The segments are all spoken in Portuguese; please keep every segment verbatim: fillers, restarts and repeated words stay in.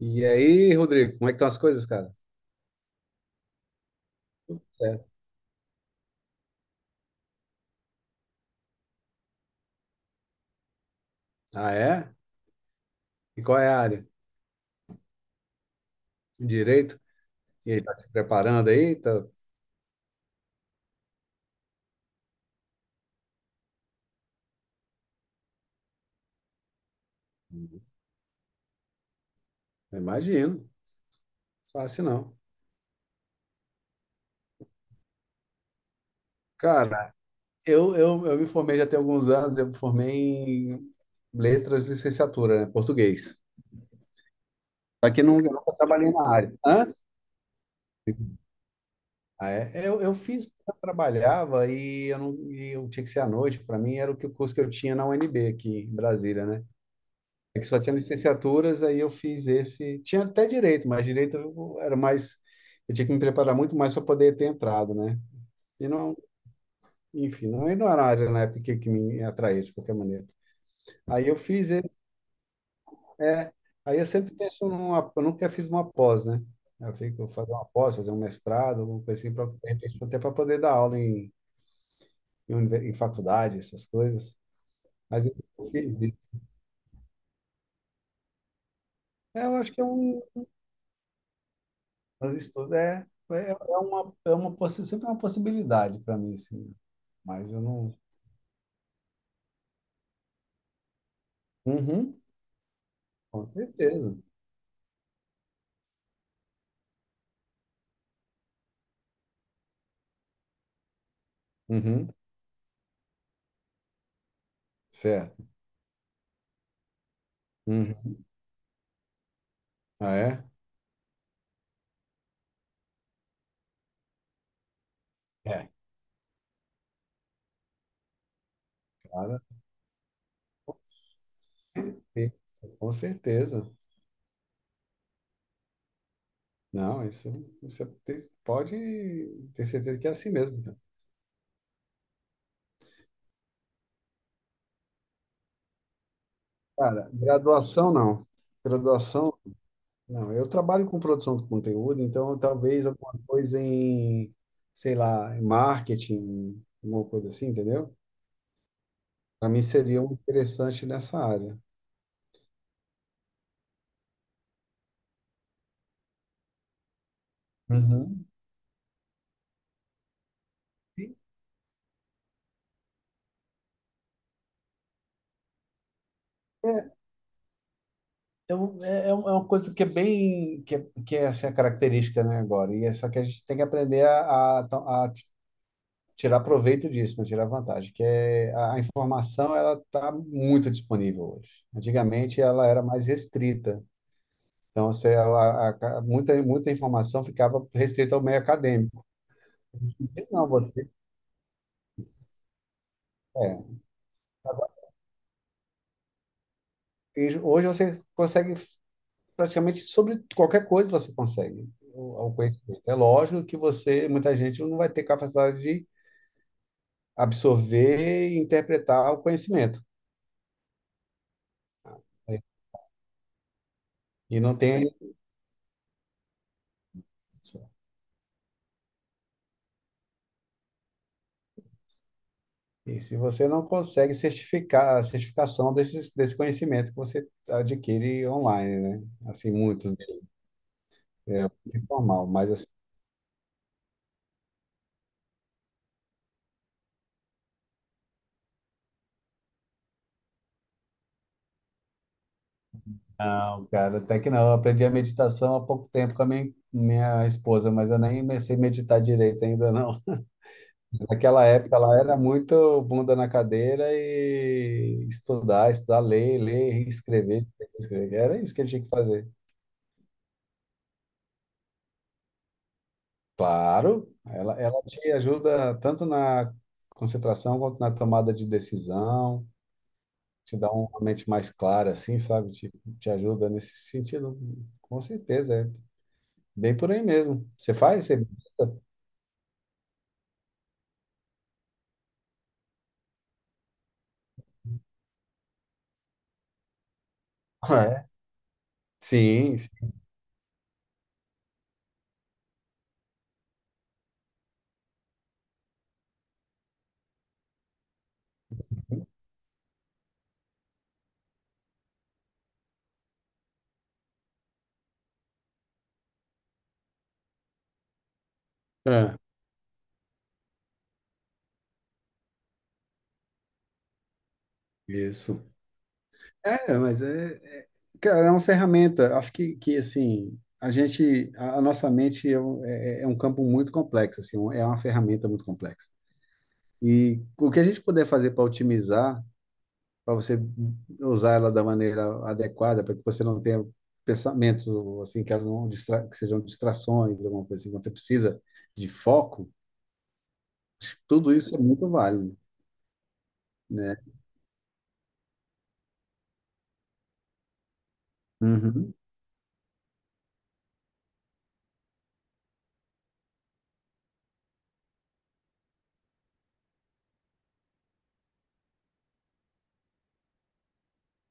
E aí, Rodrigo, como é que estão as coisas, cara? Certo. Ah, é? E qual é a área? Direito? E aí, tá se preparando aí? Tá... Eu. Imagino. Fácil não. Cara, eu, eu, eu me formei já tem alguns anos, eu me formei em letras de licenciatura, né? Português. Só que não, eu nunca trabalhei na área. Hã? Ah, é? Eu, eu fiz, porque eu trabalhava e eu, não, e eu tinha que ser à noite, para mim era o que o curso que eu tinha na U N B aqui em Brasília, né? É que só tinha licenciaturas, aí eu fiz esse. Tinha até direito, mas direito eu- era mais. Eu tinha que me preparar muito mais para poder ter entrado, né? E não, enfim, não, e não era uma área na época que, que me atraía de qualquer maneira. Aí eu fiz esse. É, aí eu sempre penso numa. Eu nunca fiz uma pós, né? Eu fico fazer uma pós, fazer um mestrado, alguma coisa assim, pra, de repente, até para poder dar aula em, em, univer- em faculdade, essas coisas. Mas eu não fiz isso. É, eu acho que é um Mas estudo é, é, é uma, é uma, possi- sempre é uma possibilidade para mim, assim. Mas eu não. Uhum, com certeza. Uhum, certo. Uhum. Ah, é? É. Cara, sim, com certeza. Não, isso, isso é- pode ter certeza que é assim mesmo. Cara. Cara, graduação não. Graduação, não. Eu trabalho com produção de conteúdo, então talvez alguma coisa em, sei lá, em marketing, alguma coisa assim, entendeu? Para mim seria um interessante nessa área. Uhum. É, é, um- é é uma coisa que é bem, que é, que é assim, a característica, né, agora. E é só que a gente tem que aprender a, a, to- a t- tirar proveito disso, né, tirar vantagem, que é a, a informação ela está muito disponível hoje. Antigamente ela era mais restrita. Então, você, a, a- a- muita, muita informação ficava restrita ao meio acadêmico. Não, você... É. Agora, e hoje você consegue praticamente sobre qualquer coisa você consegue o, o conhecimento. É lógico que você, muita gente não vai ter capacidade de absorver e interpretar o conhecimento, né? E não tem e se você não consegue certificar a certificação desses desse conhecimento que você adquire online, né? Assim, muitos deles. É muito informal, mas assim, não, cara, até que não. Eu aprendi a meditação há pouco tempo com a minha, minha esposa, mas eu nem comecei a meditar direito ainda, não. Naquela época ela era muito bunda na cadeira e estudar, estudar, ler, ler, escrever, escrever, escrever. Era isso que ele tinha que fazer. Claro, ela, ela te ajuda tanto na concentração quanto na tomada de decisão, te dá uma mente mais clara, assim, sabe? Te, te ajuda nesse sentido, com certeza. É bem por aí mesmo. Você faz? Você... Ah, é? Sim, sim. Ah, isso. É, mas é, é- cara, é uma ferramenta. Acho que, que assim, a gente, a, a nossa mente é, um é- é um campo muito complexo, assim, um- é uma ferramenta muito complexa. E o que a gente puder fazer para otimizar, para você usar ela da maneira adequada, para que você não tenha pensamentos assim que, ela não distra, que sejam distrações, alguma coisa assim, quando você precisa de foco, tudo isso é muito válido, né? Uhum,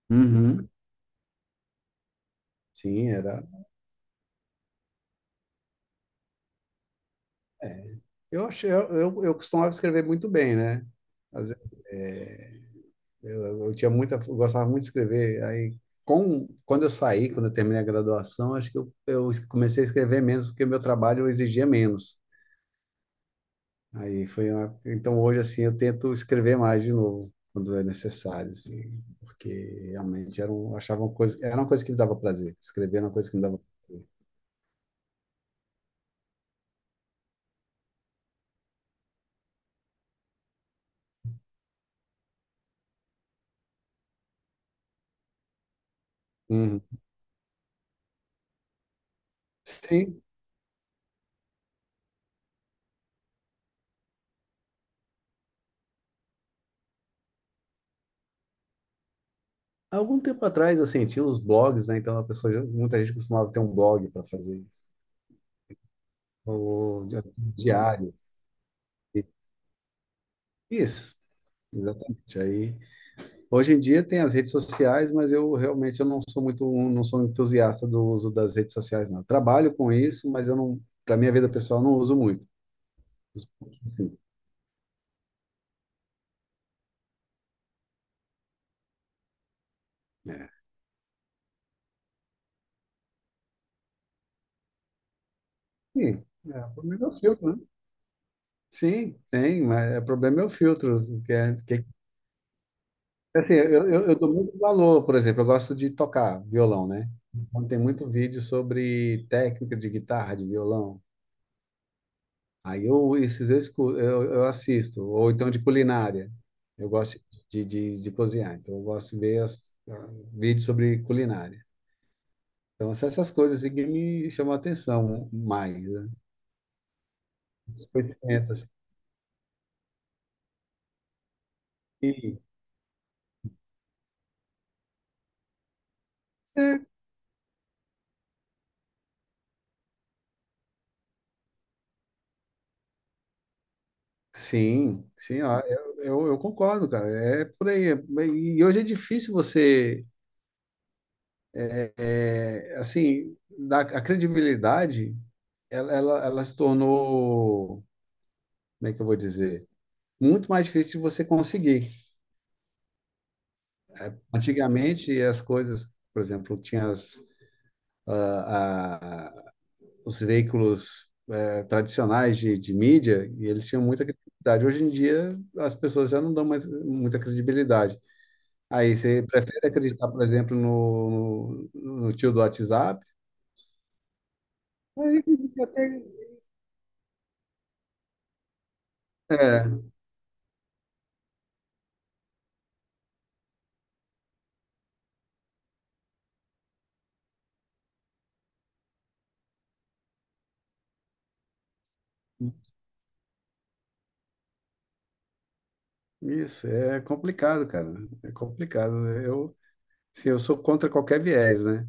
uhum. Sim, era. É. Eu achei, eu, eu, eu costumava escrever muito bem, né? Às vezes, é, eu, eu tinha muita, eu gostava muito de escrever. Aí, com, quando eu saí, quando eu terminei a graduação, acho que eu, eu comecei a escrever menos porque meu trabalho exigia menos. Aí foi uma, então hoje assim eu tento escrever mais de novo quando é necessário, assim, porque realmente era um, achava uma coisa, era uma coisa que me dava prazer. Escrever era uma coisa que me dava prazer. Uhum. Sim, há algum tempo atrás, eu senti os blogs, né? Então a pessoa, já- muita gente costumava ter um blog para fazer isso, ou di- diários. E- isso, exatamente. Aí, hoje em dia tem as redes sociais, mas eu realmente eu não sou muito, um- não sou um entusiasta do uso das redes sociais, não. Trabalho com isso, mas eu não, para minha vida pessoal, não uso muito. Assim, é. Sim, é, o problema é o filtro, né? Sim, tem, mas é, o problema é o filtro, que é, que Assim, eu, eu, eu dou muito valor, por exemplo, eu gosto de tocar violão, né? Então tem muito vídeo sobre técnica de guitarra, de violão. Aí eu, esses eu, escu- eu, eu assisto, ou então de culinária. Eu gosto de, de, de cozinhar, então eu gosto de ver as, vídeos sobre culinária. Então são essas coisas assim, que me chamam a atenção mais, né? Os conhecimentos. Assim. E, é, sim, sim, ó, eu, eu, eu concordo, cara. É por aí. É- e hoje é difícil você é, assim, da, a credibilidade, ela, ela, ela se tornou, como é que eu vou dizer, muito mais difícil de você conseguir. Antigamente, as coisas, por exemplo, tinha as, ah, ah, os veículos eh, tradicionais de, de mídia e eles tinham muita credibilidade. Hoje em dia, as pessoas já não dão mais muita credibilidade. Aí você prefere acreditar, por exemplo, no, no, no tio do WhatsApp? Aí, até, é, isso, é complicado, cara. É complicado. Né? Eu, sim, eu sou contra qualquer viés, né?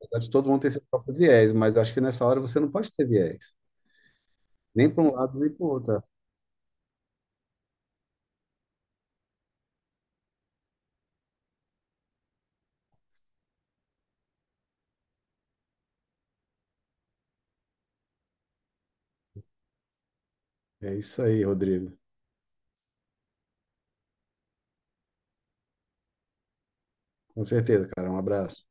Apesar de todo mundo ter seu próprio viés, mas acho que nessa hora você não pode ter viés. Nem para um lado, nem para o outro. Tá? É isso aí, Rodrigo. Com certeza, cara. Um abraço.